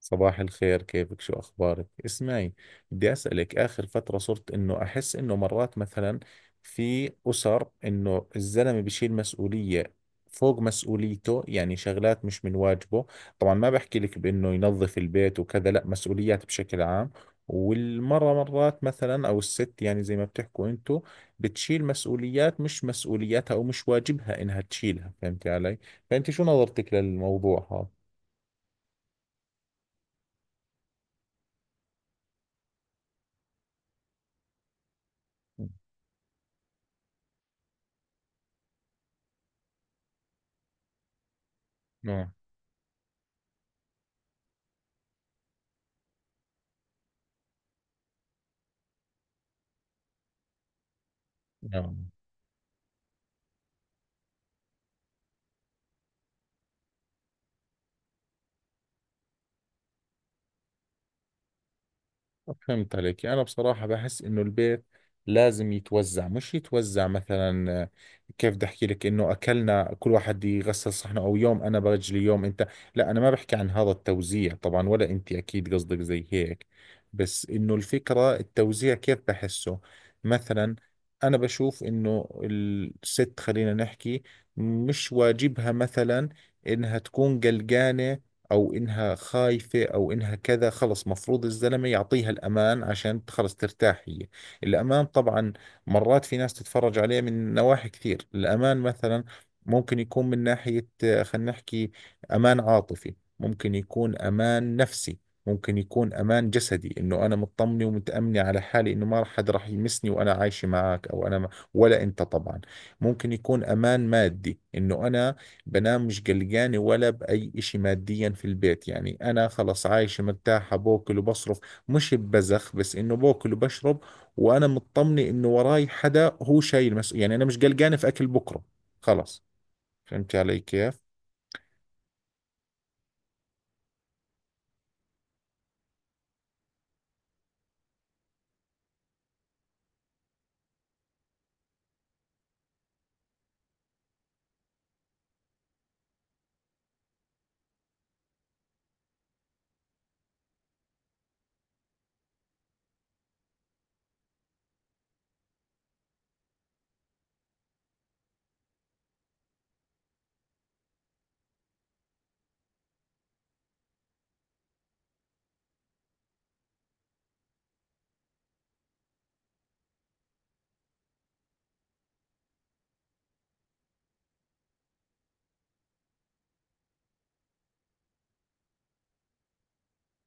صباح الخير، كيفك؟ شو أخبارك؟ اسمعي، بدي أسألك. آخر فترة صرت إنه أحس إنه مرات مثلا في أسر إنه الزلمة بشيل مسؤولية فوق مسؤوليته، يعني شغلات مش من واجبه. طبعا ما بحكي لك بإنه ينظف البيت وكذا، لا مسؤوليات بشكل عام. والمرة مرات مثلا أو الست يعني زي ما بتحكوا أنتوا بتشيل مسؤوليات مش مسؤولياتها أو مش واجبها إنها تشيلها. فهمتي علي؟ فأنت شو نظرتك للموضوع هذا؟ نعم. نعم. فهمت عليك. يعني أنا بصراحة بحس إنه البيت لازم يتوزع، مش يتوزع مثلا كيف بدي أحكي لك، إنه أكلنا كل واحد يغسل صحنه أو يوم أنا برجلي يوم أنت. لا أنا ما بحكي عن هذا التوزيع طبعا، ولا أنت أكيد قصدك زي هيك. بس إنه الفكرة التوزيع كيف بحسه مثلا. أنا بشوف إنه الست، خلينا نحكي، مش واجبها مثلا إنها تكون قلقانة او انها خايفة او انها كذا. خلص مفروض الزلمة يعطيها الامان عشان خلص ترتاح هي. الامان طبعا مرات في ناس تتفرج عليه من نواحي كثير. الامان مثلا ممكن يكون من ناحية خلينا نحكي امان عاطفي، ممكن يكون امان نفسي، ممكن يكون امان جسدي، انه انا مطمنه ومتامنه على حالي انه ما حد راح يمسني وانا عايشه معك او انا ما ولا انت طبعا. ممكن يكون امان مادي، انه انا بنام مش قلقانة ولا بأي إشي ماديا في البيت. يعني أنا خلص عايشة مرتاحة، بأكل وبصرف، مش ببزخ، بس إنه بأكل وبشرب، وأنا مطمنة إنه وراي حدا هو شايل مسؤولية. يعني أنا مش قلقانة في أكل بكرة، خلص. فهمت علي كيف؟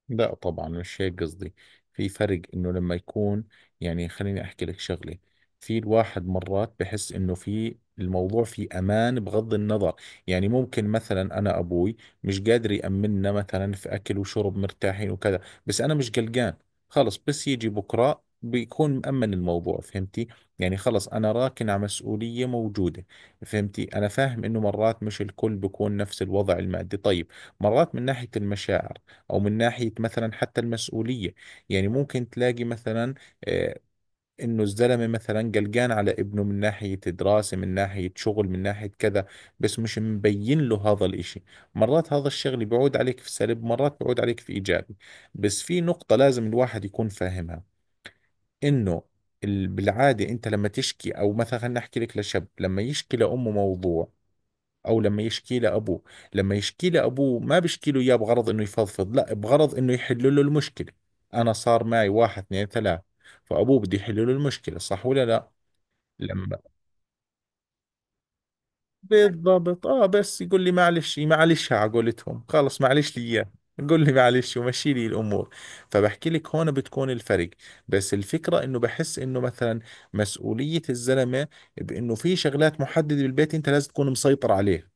لا طبعا مش هيك قصدي. في فرق انه لما يكون، يعني خليني احكي لك شغله، في الواحد مرات بحس انه في الموضوع في امان بغض النظر. يعني ممكن مثلا انا ابوي مش قادر يامننا مثلا في اكل وشرب مرتاحين وكذا، بس انا مش قلقان، خلص. بس يجي بكره بيكون مأمن الموضوع. فهمتي؟ يعني خلص انا راكن على مسؤولية موجودة. فهمتي؟ انا فاهم انه مرات مش الكل بيكون نفس الوضع المادي. طيب، مرات من ناحية المشاعر او من ناحيه مثلا حتى المسؤوليه. يعني ممكن تلاقي مثلا آه، انه الزلمه مثلا قلقان على ابنه من ناحيه دراسه، من ناحيه شغل، من ناحيه كذا، بس مش مبين له هذا الاشي. مرات هذا الشغل بيعود عليك في سلب، مرات بيعود عليك في ايجابي. بس في نقطه لازم الواحد يكون فاهمها، انه بالعاده انت لما تشكي او مثلا، خلينا نحكي لك لشاب، لما يشكي لامه موضوع او لما يشكي له ابوه، لما يشكي له ابوه ما بيشكي له اياه بغرض انه يفضفض، لا بغرض انه يحل له المشكله. انا صار معي واحد اثنين ثلاث، فابوه بده يحل له المشكله. صح ولا لا؟ لما بالضبط، اه. بس يقول لي معلش معلش، على قولتهم خلص، معلش لي اياه. قول لي معلش ومشي لي الامور. فبحكي لك هون بتكون الفرق. بس الفكره انه بحس انه مثلا مسؤوليه الزلمه، بانه في شغلات محدده بالبيت انت لازم تكون مسيطر عليها،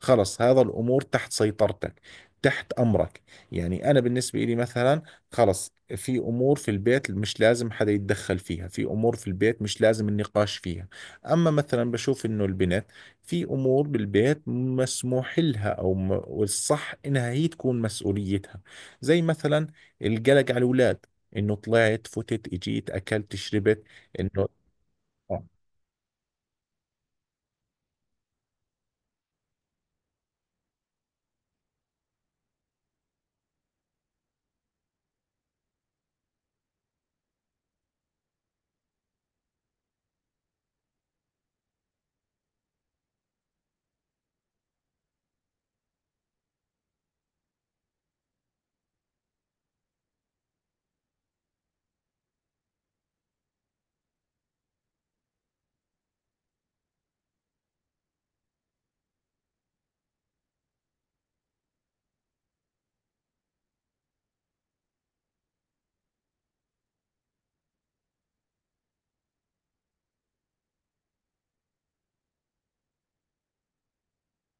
خلص. هذا الأمور تحت سيطرتك، تحت أمرك. يعني أنا بالنسبة لي مثلا خلص، في أمور في البيت مش لازم حدا يتدخل فيها، في أمور في البيت مش لازم النقاش فيها. أما مثلا بشوف إنه البنت في أمور بالبيت مسموح لها، أو والصح إنها هي تكون مسؤوليتها، زي مثلا القلق على الأولاد، إنه طلعت، فتت، إجيت، أكلت، شربت إنه.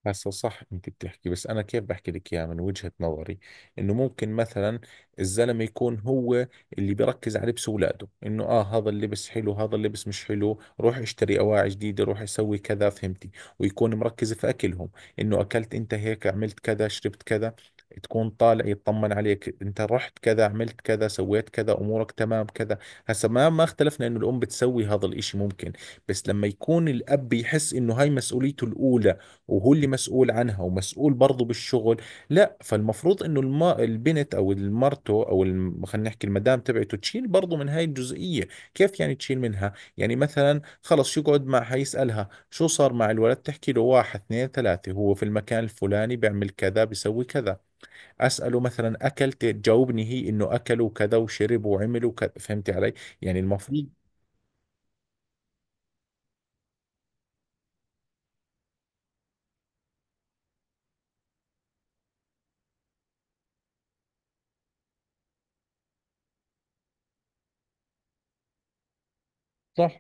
هسه صح انت بتحكي، بس انا كيف بحكي لك اياها من وجهة نظري، انه ممكن مثلا الزلمة يكون هو اللي بيركز على لبس اولاده، انه اه هذا اللبس حلو هذا اللبس مش حلو، روح اشتري اواعي جديدة، روح اسوي كذا. فهمتي؟ ويكون مركز في اكلهم، انه اكلت انت هيك، عملت كذا، شربت كذا. تكون طالع يطمن عليك، انت رحت كذا، عملت كذا، سويت كذا، امورك تمام كذا. هسا ما اختلفنا انه الام بتسوي هذا الاشي، ممكن. بس لما يكون الاب يحس انه هاي مسؤوليته الاولى، وهو اللي مسؤول عنها ومسؤول برضه بالشغل، لا فالمفروض انه البنت او المرته، او خلينا نحكي المدام تبعته، تشيل برضه من هاي الجزئية. كيف يعني تشيل منها؟ يعني مثلا خلص يقعد معها، يسألها شو صار مع الولد، تحكي له واحد اثنين ثلاثة، هو في المكان الفلاني بيعمل كذا، بيسوي كذا. أسأله مثلا أكلت، تجاوبني هي إنه أكلوا كذا، وشربوا وعملوا كذا. فهمتي علي؟ يعني المفروض. صح.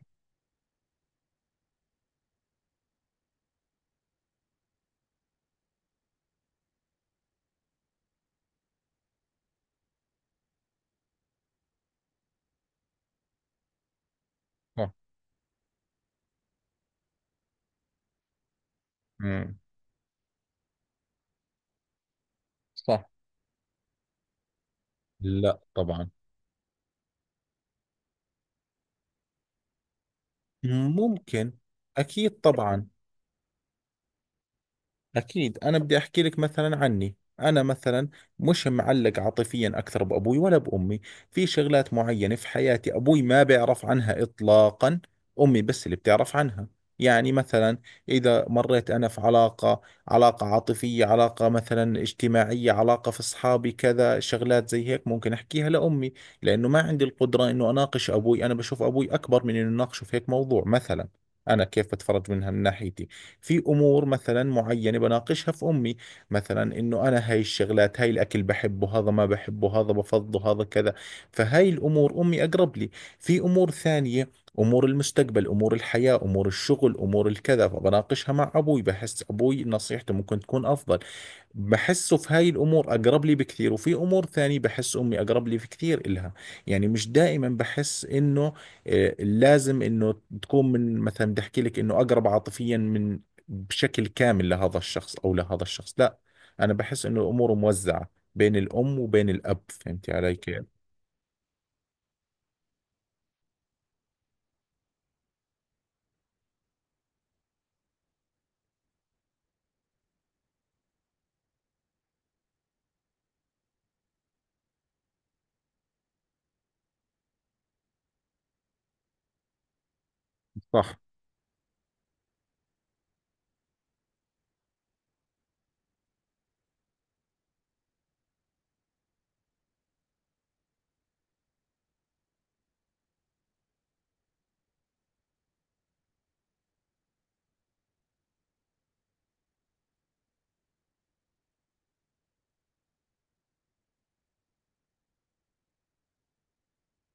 صح. مم. صح. لا طبعا. ممكن. أكيد طبعا. أكيد. أنا بدي أحكي لك مثلا عني أنا مثلا، مش معلق عاطفيا أكثر بأبوي ولا بأمي. في شغلات معينة في حياتي أبوي ما بيعرف عنها إطلاقا، أمي بس اللي بتعرف عنها. يعني مثلا إذا مريت أنا في علاقة، علاقة عاطفية، علاقة مثلا اجتماعية، علاقة في أصحابي كذا، شغلات زي هيك ممكن أحكيها لأمي، لأنه ما عندي القدرة إنه أناقش أبوي. أنا بشوف أبوي أكبر من إنه أناقشه في هيك موضوع مثلا. أنا كيف بتفرج منها من ناحيتي، في امور مثلا معينه بناقشها في امي، مثلا انه انا هاي الشغلات، هاي الاكل بحبه، هذا ما بحبه، هذا بفضه، هذا كذا. فهاي الامور امي اقرب لي. في امور ثانيه، امور المستقبل، امور الحياه، امور الشغل، امور الكذا، فبناقشها مع ابوي، بحس ابوي نصيحته ممكن تكون افضل. بحسه في هاي الأمور أقرب لي بكثير، وفي أمور ثانية بحس أمي أقرب لي في كثير إلها. يعني مش دائما بحس إنه لازم إنه تكون من، مثلا بدي أحكي لك إنه أقرب عاطفيا من بشكل كامل لهذا الشخص أو لهذا الشخص، لا. أنا بحس إنه الأمور موزعة بين الأم وبين الأب. فهمتي علي كيف؟ صح.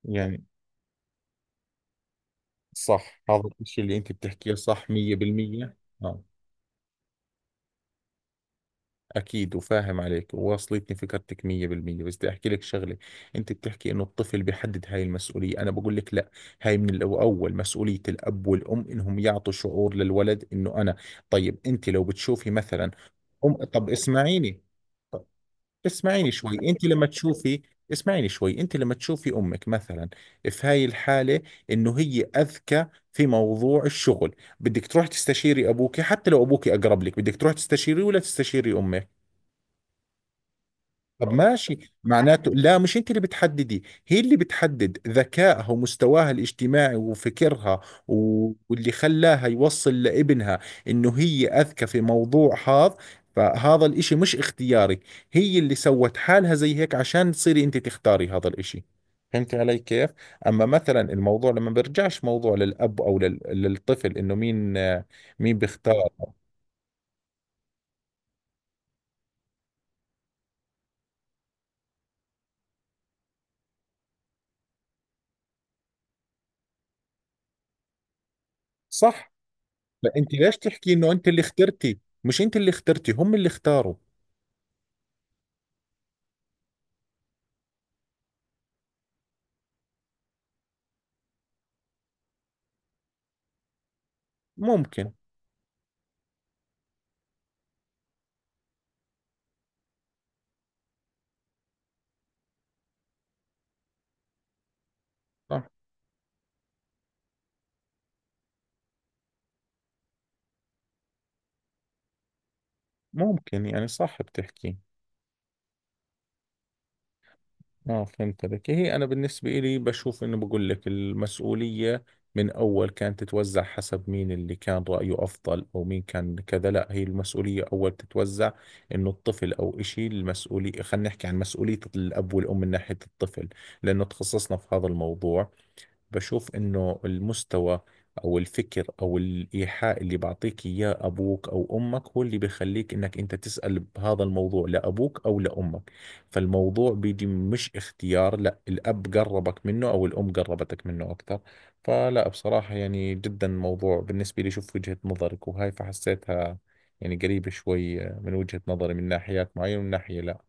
يعني صح. هذا الشيء اللي أنت بتحكيه صح. 100%. اكيد وفاهم عليك وواصلتني فكرتك 100%. بس بدي احكي لك شغله. انت بتحكي انه الطفل بيحدد هاي المسؤوليه، انا بقول لك لا. هاي من الاول مسؤوليه الاب والام انهم يعطوا شعور للولد انه انا. طيب، انت لو بتشوفي مثلا، ام، طب اسمعيني، اسمعيني شوي انت لما تشوفي اسمعيني شوي انت لما تشوفي امك مثلا في هاي الحاله، انه هي اذكى في موضوع الشغل، بدك تروح تستشيري ابوك حتى لو ابوك اقرب لك، بدك تروح تستشيري ولا تستشيري امك؟ طب ماشي، معناته لا، مش انت اللي بتحددي، هي اللي بتحدد، ذكائها ومستواها الاجتماعي وفكرها واللي خلاها يوصل لابنها انه هي اذكى في موضوع هذا. فهذا الاشي مش اختياري، هي اللي سوت حالها زي هيك عشان تصيري انت تختاري هذا الاشي. فهمت علي كيف؟ اما مثلا الموضوع لما بيرجعش موضوع للاب او للطفل، انه مين، مين بيختار. صح. ما انت ليش تحكي انه انت اللي اخترتي؟ مش انت اللي اخترتي، هم اللي اختاروا. ممكن. صح. ممكن. يعني صح بتحكي. اه فهمت عليك. هي انا بالنسبة لي بشوف انه، بقول لك المسؤولية من اول كانت تتوزع حسب مين اللي كان رأيه افضل او مين كان كذا، لا، هي المسؤولية اول تتوزع انه الطفل او اشي. المسؤولية خلينا نحكي عن مسؤولية الاب والام من ناحية الطفل، لانه تخصصنا في هذا الموضوع. بشوف انه المستوى او الفكر او الايحاء اللي بعطيك اياه ابوك او امك هو اللي بخليك انك انت تسأل بهذا الموضوع لابوك او لامك. فالموضوع بيجي مش اختيار، لا الاب قربك منه او الام قربتك منه اكثر. فلا، بصراحة يعني جدا موضوع بالنسبة لي، شوف وجهة نظرك وهاي فحسيتها يعني قريبة شوي من وجهة نظري من ناحيات معينة، ومن ناحية لا.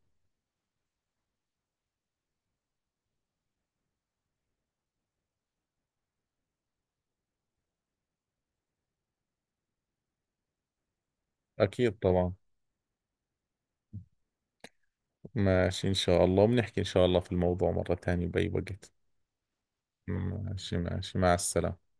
أكيد طبعا. ماشي إن شاء الله، وبنحكي إن شاء الله في الموضوع مرة ثانية بأي وقت. ماشي ماشي، مع السلامة.